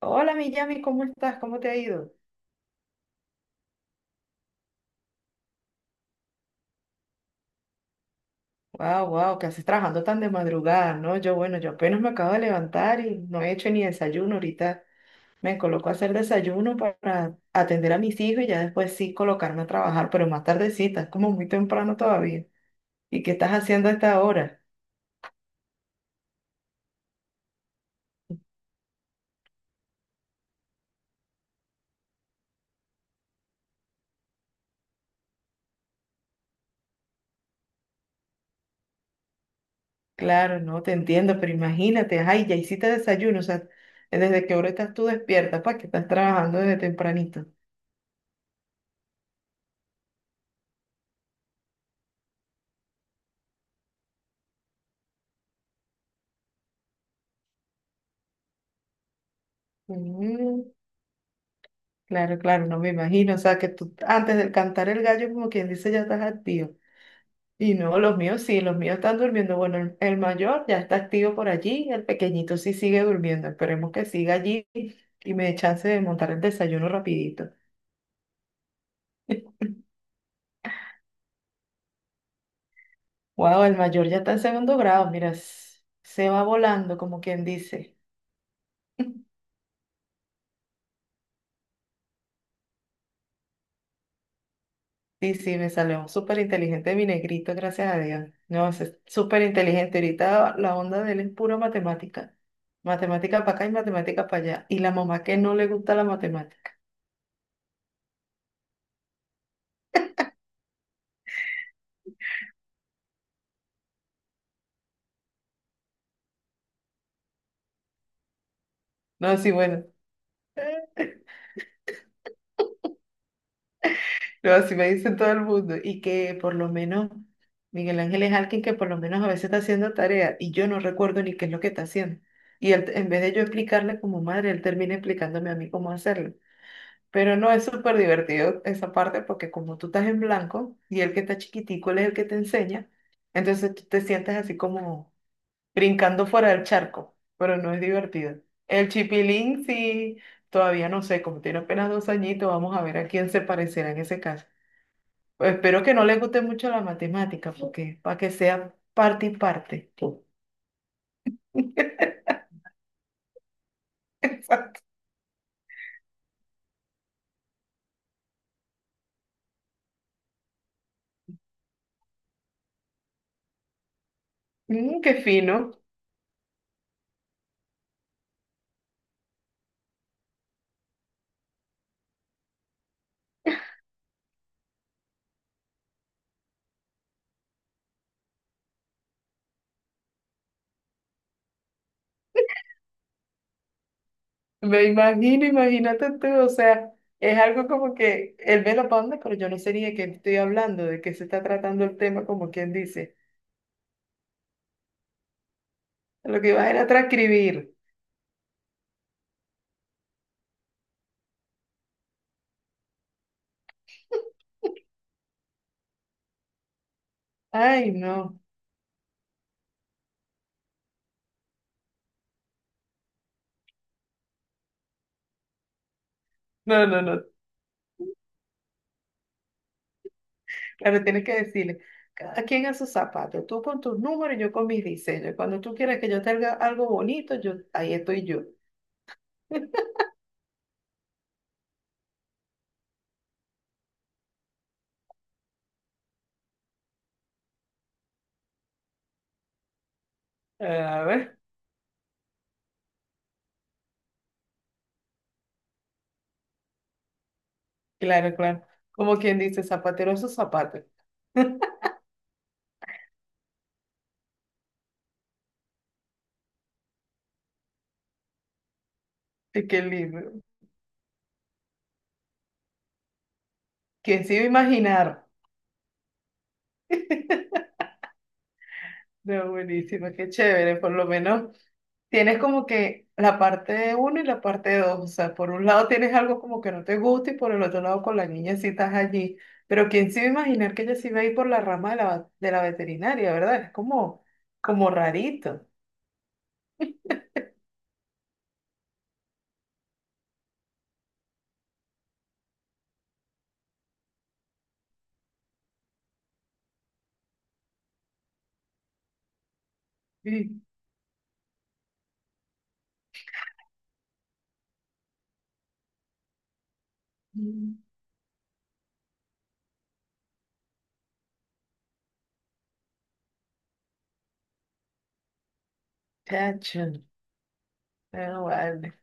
Hola, mi Yami, ¿cómo estás? ¿Cómo te ha ido? Wow, wow, ¿qué haces trabajando tan de madrugada? No, yo, bueno, yo apenas me acabo de levantar y no he hecho ni desayuno. Ahorita me coloco a hacer desayuno para atender a mis hijos y ya después sí colocarme a trabajar, pero más tardecita, es como muy temprano todavía. ¿Y qué estás haciendo a esta hora? Claro, no te entiendo, pero imagínate, ay, ya hiciste desayuno, o sea, ¿desde qué hora estás tú despierta? ¿Para qué estás trabajando desde tempranito? Mm. Claro, claro, no me imagino. O sea, que tú antes del cantar el gallo, como quien dice, ya estás activo. Y no, los míos sí, los míos están durmiendo. Bueno, el mayor ya está activo por allí, el pequeñito sí sigue durmiendo. Esperemos que siga allí y me dé chance de montar el desayuno rapidito. Wow, el mayor ya está en segundo grado, mira, se va volando, como quien dice. Sí, sí, me salió súper inteligente mi negrito, gracias a Dios. No, es súper inteligente. Ahorita la onda de él es pura matemática. Matemática para acá y matemática para allá. Y la mamá que no le gusta la matemática. No, sí, bueno, no, así me dice todo el mundo. Y que por lo menos Miguel Ángel es alguien que por lo menos a veces está haciendo tarea y yo no recuerdo ni qué es lo que está haciendo. Y él, en vez de yo explicarle como madre, él termina explicándome a mí cómo hacerlo. Pero no es súper divertido esa parte porque como tú estás en blanco y el que está chiquitico él es el que te enseña, entonces tú te sientes así como brincando fuera del charco, pero no es divertido. El chipilín sí, todavía no sé, como tiene apenas 2 añitos, vamos a ver a quién se parecerá en ese caso. Pues espero que no le guste mucho la matemática porque para que sea parte y parte. Exacto. Mm, qué fino. Me imagino, imagínate tú, o sea, es algo como que él me lo pone, pero yo no sé ni de qué estoy hablando, de qué se está tratando el tema, como quien dice. Lo que iba a era transcribir. Ay, no, no, no, no. Claro, tienes que decirle, cada quien a sus zapatos, tú con tus números, yo con mis diseños. Cuando tú quieras que yo te haga algo bonito, yo, ahí estoy yo. A ver, claro, claro. Como quien dice, zapatero a sus zapatos. Qué lindo. ¿Quién se iba a imaginar? No, buenísimo, qué chévere, por lo menos tienes como que la parte uno y la parte dos, o sea, por un lado tienes algo como que no te gusta y por el otro lado con la niña sí estás allí, pero quién se iba a imaginar que ella sí iba a ir por la rama de la veterinaria, ¿verdad? Es como, como rarito. Sí. Chacho, no vale.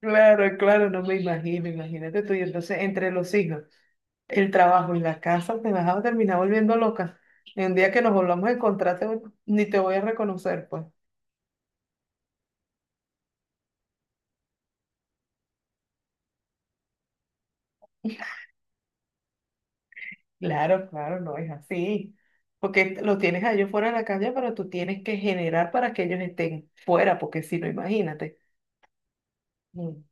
Claro, claro, no me imagino, imagínate tú, y entonces entre los hijos. El trabajo y la casa te vas a terminar volviendo loca. En un día que nos volvamos a encontrar, te- ni te voy a reconocer, pues. Claro, claro, no es así. Porque los tienes a ellos fuera de la calle, pero tú tienes que generar para que ellos estén fuera, porque si no, imagínate. Mm.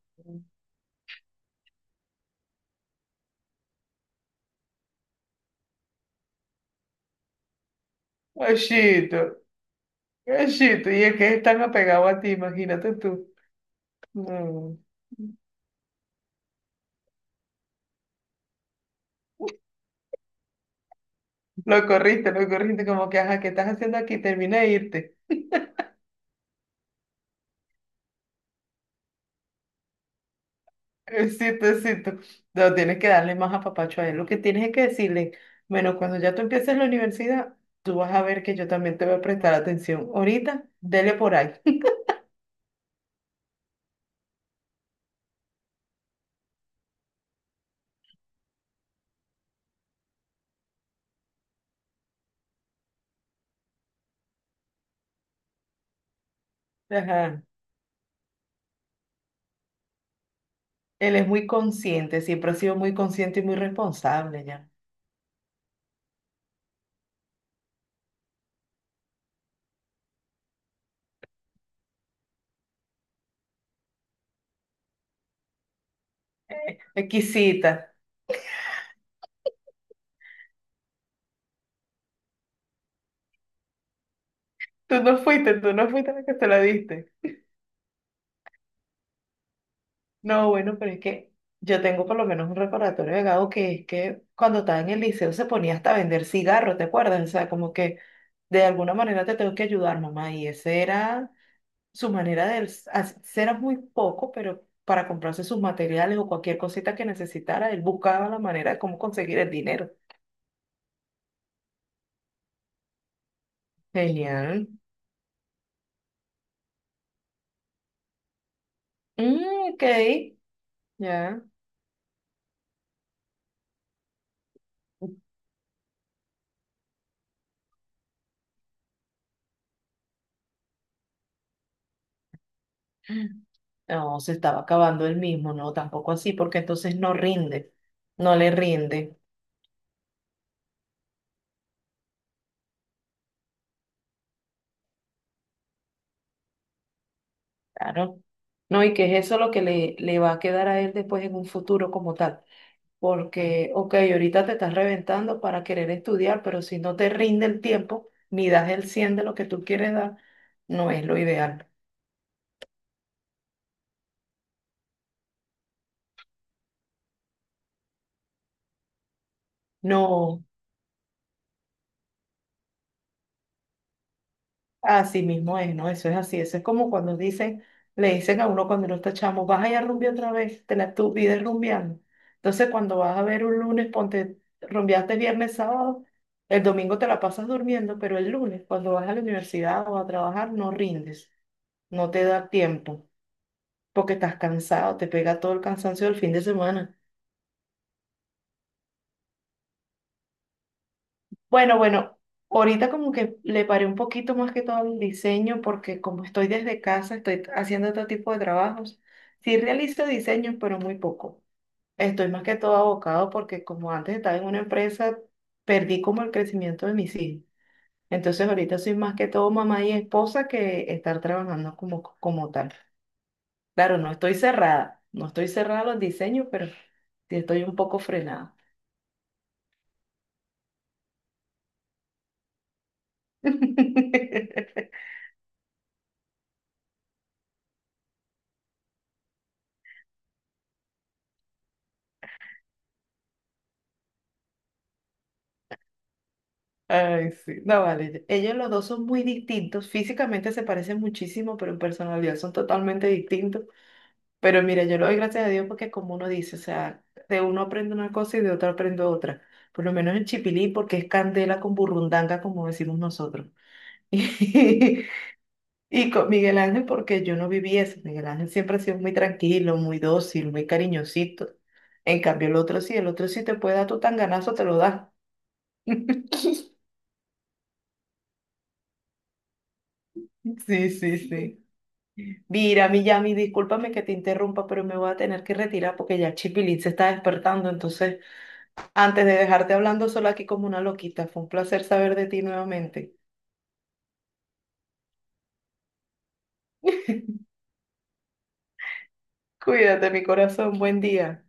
Gachito, gachito, y es que es tan apegado a ti, imagínate tú. No. Lo corriste, como que, ajá, ¿qué estás haciendo aquí? Termina de irte. Éxito, éxito. No, tienes que darle más apapacho a él. Lo que tienes es que decirle, bueno, cuando ya tú empieces la universidad, tú vas a ver que yo también te voy a prestar atención. Ahorita, dele por ahí. Ajá. Él es muy consciente, siempre ha sido muy consciente y muy responsable ya. Exquisita. Tú no fuiste la que te la diste. No, bueno, pero es que yo tengo por lo menos un recordatorio de Gabo que es que cuando estaba en el liceo se ponía hasta a vender cigarros, ¿te acuerdas? O sea, como que de alguna manera te tengo que ayudar, mamá. Y esa era su manera de as- era muy poco, pero para comprarse sus materiales o cualquier cosita que necesitara, él buscaba la manera de cómo conseguir el dinero. Genial. Mm, ok, ya. No, se estaba acabando él mismo, no, tampoco así, porque entonces no rinde, no le rinde. Claro. No, y que es eso lo que le va a quedar a él después en un futuro como tal. Porque, ok, ahorita te estás reventando para querer estudiar, pero si no te rinde el tiempo, ni das el 100 de lo que tú quieres dar, no es lo ideal. No. Así mismo es, ¿no? Eso es así. Eso es como cuando dicen, le dicen a uno cuando uno está chamo, vas a ir a rumbear otra vez, te la tu vida es rumbeando. Entonces, cuando vas a ver un lunes, ponte, rumbeaste viernes, sábado, el domingo te la pasas durmiendo, pero el lunes, cuando vas a la universidad o a trabajar, no rindes, no te da tiempo, porque estás cansado, te pega todo el cansancio del fin de semana. Bueno, bueno, ahorita como que le paré un poquito más que todo el diseño porque como estoy desde casa, estoy haciendo otro tipo de trabajos. Sí realizo diseños, pero muy poco. Estoy más que todo abocado porque como antes estaba en una empresa, perdí como el crecimiento de mis hijos. Entonces ahorita soy más que todo mamá y esposa que estar trabajando como tal. Claro, no estoy cerrada, no estoy cerrada a los diseños, pero sí estoy un poco frenada. Ay, sí. No, vale. Ellos los dos son muy distintos. Físicamente se parecen muchísimo, pero en personalidad son totalmente distintos. Pero mira, yo lo doy gracias a Dios porque como uno dice, o sea, de uno aprendo una cosa y de otro aprendo otra. Por lo menos en Chipilí, porque es candela con burrundanga, como decimos nosotros. Y, con Miguel Ángel, porque yo no viví eso. Miguel Ángel siempre ha sido muy tranquilo, muy dócil, muy cariñosito. En cambio, el otro sí te puede dar tu tanganazo, te lo da. Sí, sí, sí. Mira, Miyami, discúlpame que te interrumpa, pero me voy a tener que retirar porque ya Chipilín se está despertando. Entonces, antes de dejarte hablando sola aquí como una loquita, fue un placer saber de ti nuevamente. Cuídate, mi corazón, buen día.